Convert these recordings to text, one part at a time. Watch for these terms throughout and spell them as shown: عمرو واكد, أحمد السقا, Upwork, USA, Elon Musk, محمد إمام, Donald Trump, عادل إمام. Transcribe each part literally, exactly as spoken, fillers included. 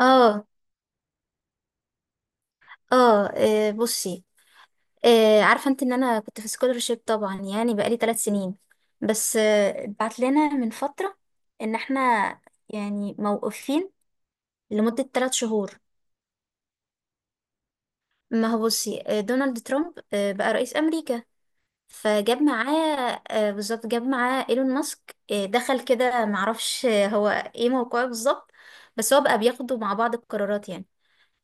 اه اه آه، بصي آه عارفه انت ان انا كنت في سكولرشيب، طبعا يعني بقالي ثلاث سنين. بس آه بعت لنا من فتره ان احنا يعني موقوفين لمده ثلاث شهور. ما هو بصي، آه دونالد ترامب آه بقى رئيس امريكا، فجاب معاه، آه بالظبط، جاب معاه ايلون ماسك، آه دخل كده، معرفش، آه، هو ايه موقعه بالظبط، بس هو بقى بياخدوا مع بعض القرارات يعني.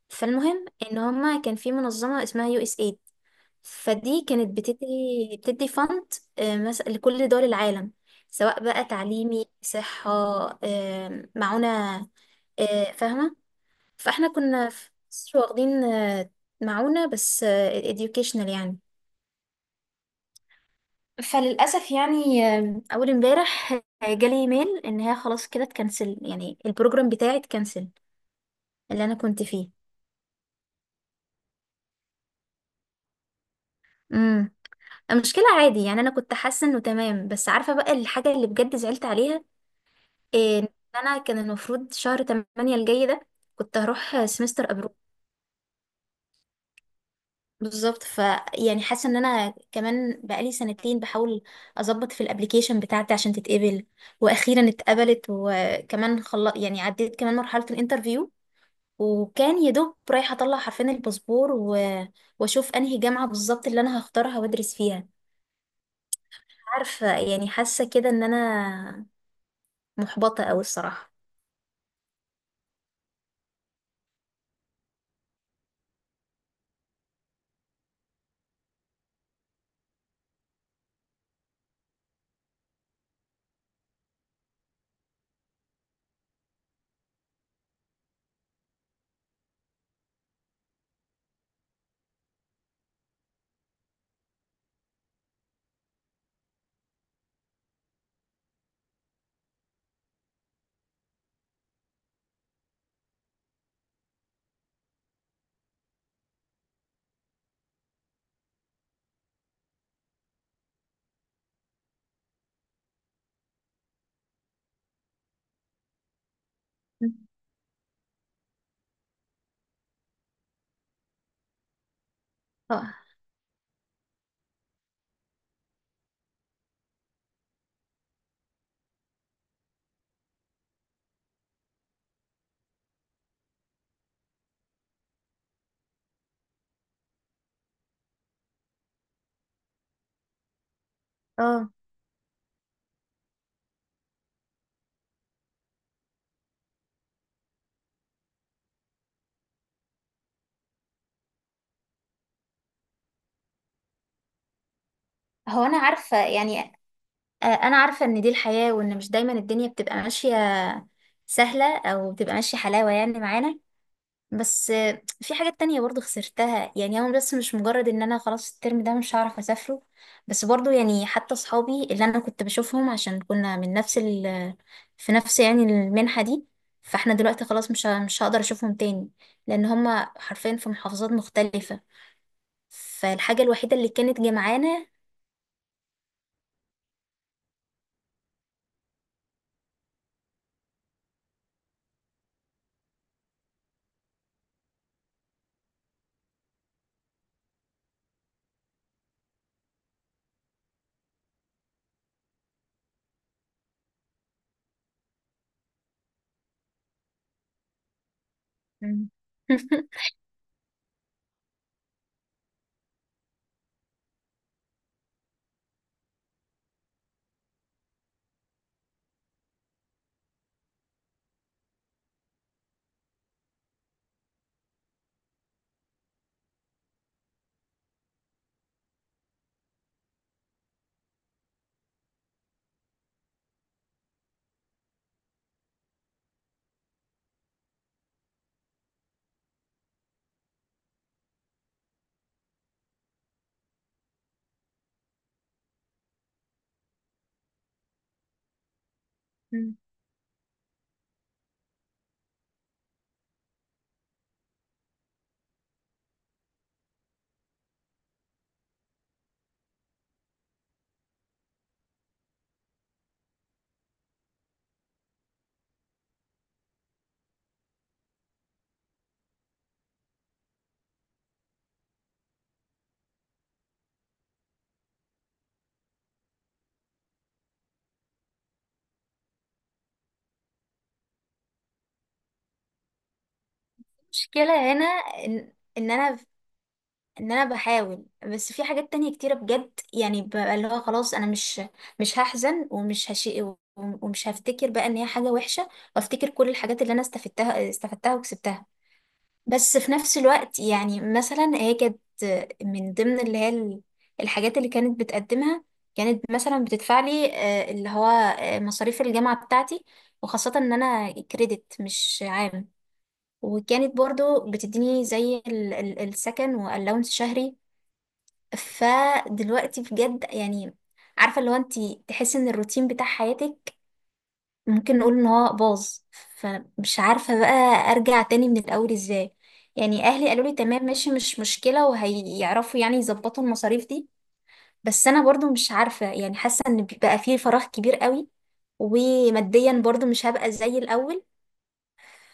فالمهم ان هما كان في منظمه اسمها يو اس إيه. فدي كانت بتدي بتدي فند مثلا لكل دول العالم، سواء بقى تعليمي، صحة، آم، معونة، آه، فاهمة. فاحنا كنا في مصر واخدين آه، معونة، بس آه، educational يعني. فللأسف يعني، آم، أول امبارح آه، جالي ايميل إن هي خلاص كده اتكنسل، يعني البروجرام بتاعي اتكنسل اللي أنا كنت فيه. امم. المشكلة عادي يعني، أنا كنت حاسة إنه تمام، بس عارفة بقى الحاجة اللي بجد زعلت عليها إيه. إن انا كان المفروض شهر تمانية الجاي ده كنت هروح سمستر ابرو بالظبط. ف يعني حاسه ان انا كمان بقالي سنتين بحاول اظبط في الابليكيشن بتاعتي عشان تتقبل، واخيرا اتقبلت، وكمان خل... يعني عديت كمان مرحله الانترفيو، وكان يا دوب رايحه اطلع حرفين الباسبور و... واشوف انهي جامعه بالظبط اللي انا هختارها وادرس فيها. عارفه، يعني حاسه كده ان انا محبطه قوي الصراحه. اه آه. هو انا عارفه يعني، آه، انا عارفة ان دي الحياة، وان مش دايما الدنيا بتبقى ماشية سهلة او بتبقى ماشية حلاوة يعني معانا. بس آه، في حاجات تانية برضو خسرتها يعني. هو بس مش مجرد ان انا خلاص الترم ده مش هعرف اسافره، بس برضو يعني حتى صحابي اللي انا كنت بشوفهم، عشان كنا من نفس ال في نفس يعني المنحة دي، فاحنا دلوقتي خلاص مش ه- مش هقدر اشوفهم تاني، لان هما حرفيا في محافظات مختلفة، فالحاجة الوحيدة اللي كانت جمعانا. المشكلة هنا ان ان انا ان انا بحاول، بس في حاجات تانية كتيرة بجد يعني، ببقى اللي هو خلاص انا مش مش هحزن ومش هشي ومش هفتكر بقى ان هي حاجة وحشة، وافتكر كل الحاجات اللي انا استفدتها استفدتها وكسبتها. بس في نفس الوقت يعني، مثلا هي كانت من ضمن اللي هي ال- الحاجات اللي كانت بتقدمها، كانت مثلا بتدفع لي، آه، اللي هو آه، مصاريف الجامعة بتاعتي، وخاصة ان انا كريدت مش عام، وكانت برضو بتديني زي ال- ال- السكن والاونس شهري. فدلوقتي بجد يعني، عارفة اللي هو انت تحسي ان الروتين بتاع حياتك ممكن نقول ان هو باظ، فمش عارفة بقى ارجع تاني من الاول ازاي. يعني اهلي قالوا لي تمام ماشي مش مشكلة، وهيعرفوا يعني يظبطوا المصاريف دي، بس انا برضو مش عارفة يعني، حاسة ان بقى فيه فراغ كبير قوي، وماديا برضو مش هبقى زي الاول.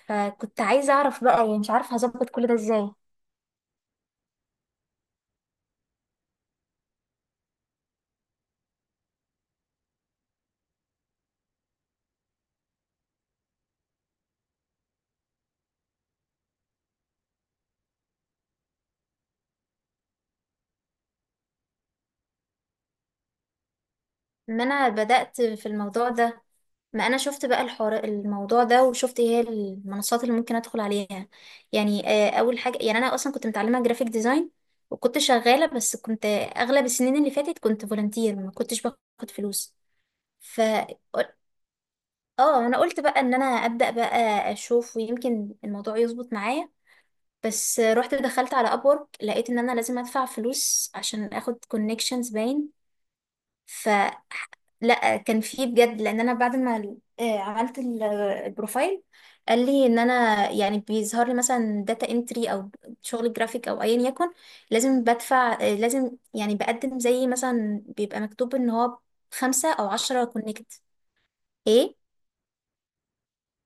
فكنت عايزة اعرف بقى يعني، مش عارفة هظبط كل ده ازاي. ما انا بدأت في الموضوع ده، ما انا شفت بقى الحوار الموضوع ده، وشفت ايه هي المنصات اللي ممكن ادخل عليها يعني. آه، اول حاجة يعني انا اصلا كنت متعلمة جرافيك ديزاين، وكنت شغالة، بس كنت اغلب السنين اللي فاتت كنت فولنتير، ما كنتش باخد فلوس. ف اه انا قلت بقى ان انا ابدأ بقى اشوف، ويمكن الموضوع يظبط معايا. بس آه، رحت دخلت على ابورك، لقيت ان انا لازم ادفع فلوس عشان اخد كونكشنز باين. ف لا كان في بجد، لان انا بعد ما ال- آه، عملت ال- البروفايل، قال لي ان انا يعني بيظهر لي مثلا داتا انتري، او شغل جرافيك، او ايا يكن، لازم بدفع، آه، لازم يعني بقدم، زي مثلا بيبقى مكتوب ان هو خمسة او عشرة كونكت. ايه.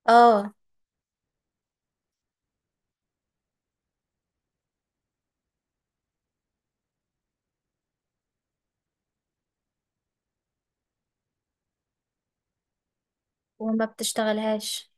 اه. وما بتشتغلهاش.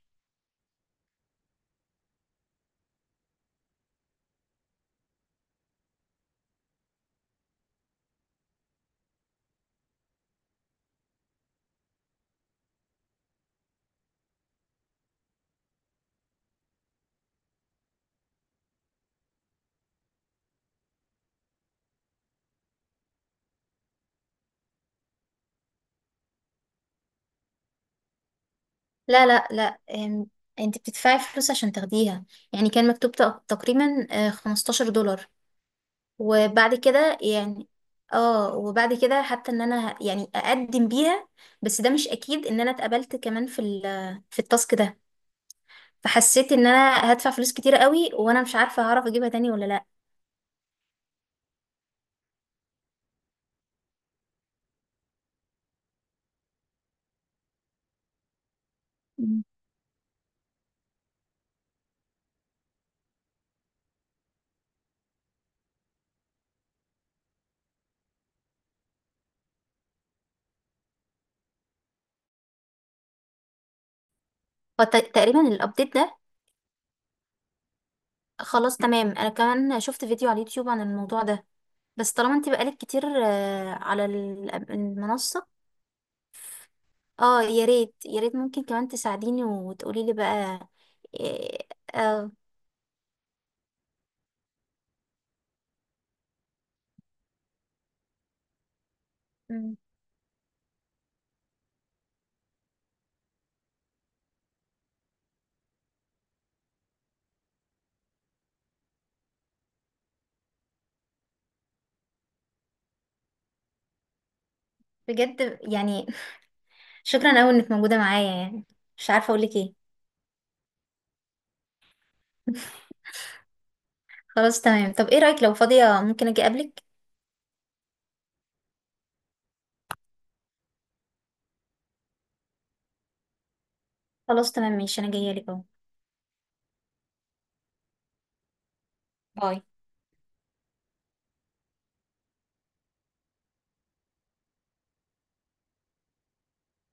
لا لا لا آم، انت بتدفعي فلوس عشان تاخديها. يعني كان مكتوب تق- تقريبا آه، خمستاشر دولار، وبعد كده يعني، اه وبعد كده حتى ان انا ه- يعني اقدم بيها، بس ده مش اكيد ان انا اتقبلت كمان في ال- في التاسك ده. فحسيت ان انا هدفع فلوس كتير قوي، وانا مش عارفه هعرف اجيبها تاني ولا لا. مم. فت- تقريبا الابديت ده خلاص تمام. انا كمان شفت فيديو على اليوتيوب عن الموضوع ده، بس طالما انت بقالك كتير آه، على ال- المنصة. اه يا ريت يا ريت، ممكن كمان تساعديني وتقولي لي بقى. إيه- اه. مم. بجد يعني شكرا قوي انك موجودة معايا يعني، مش عارفة اقولك ايه. خلاص تمام، طب ايه رأيك لو فاضية ممكن اجي اقابلك. خلاص تمام، ماشي، انا جاية لك اهو. باي.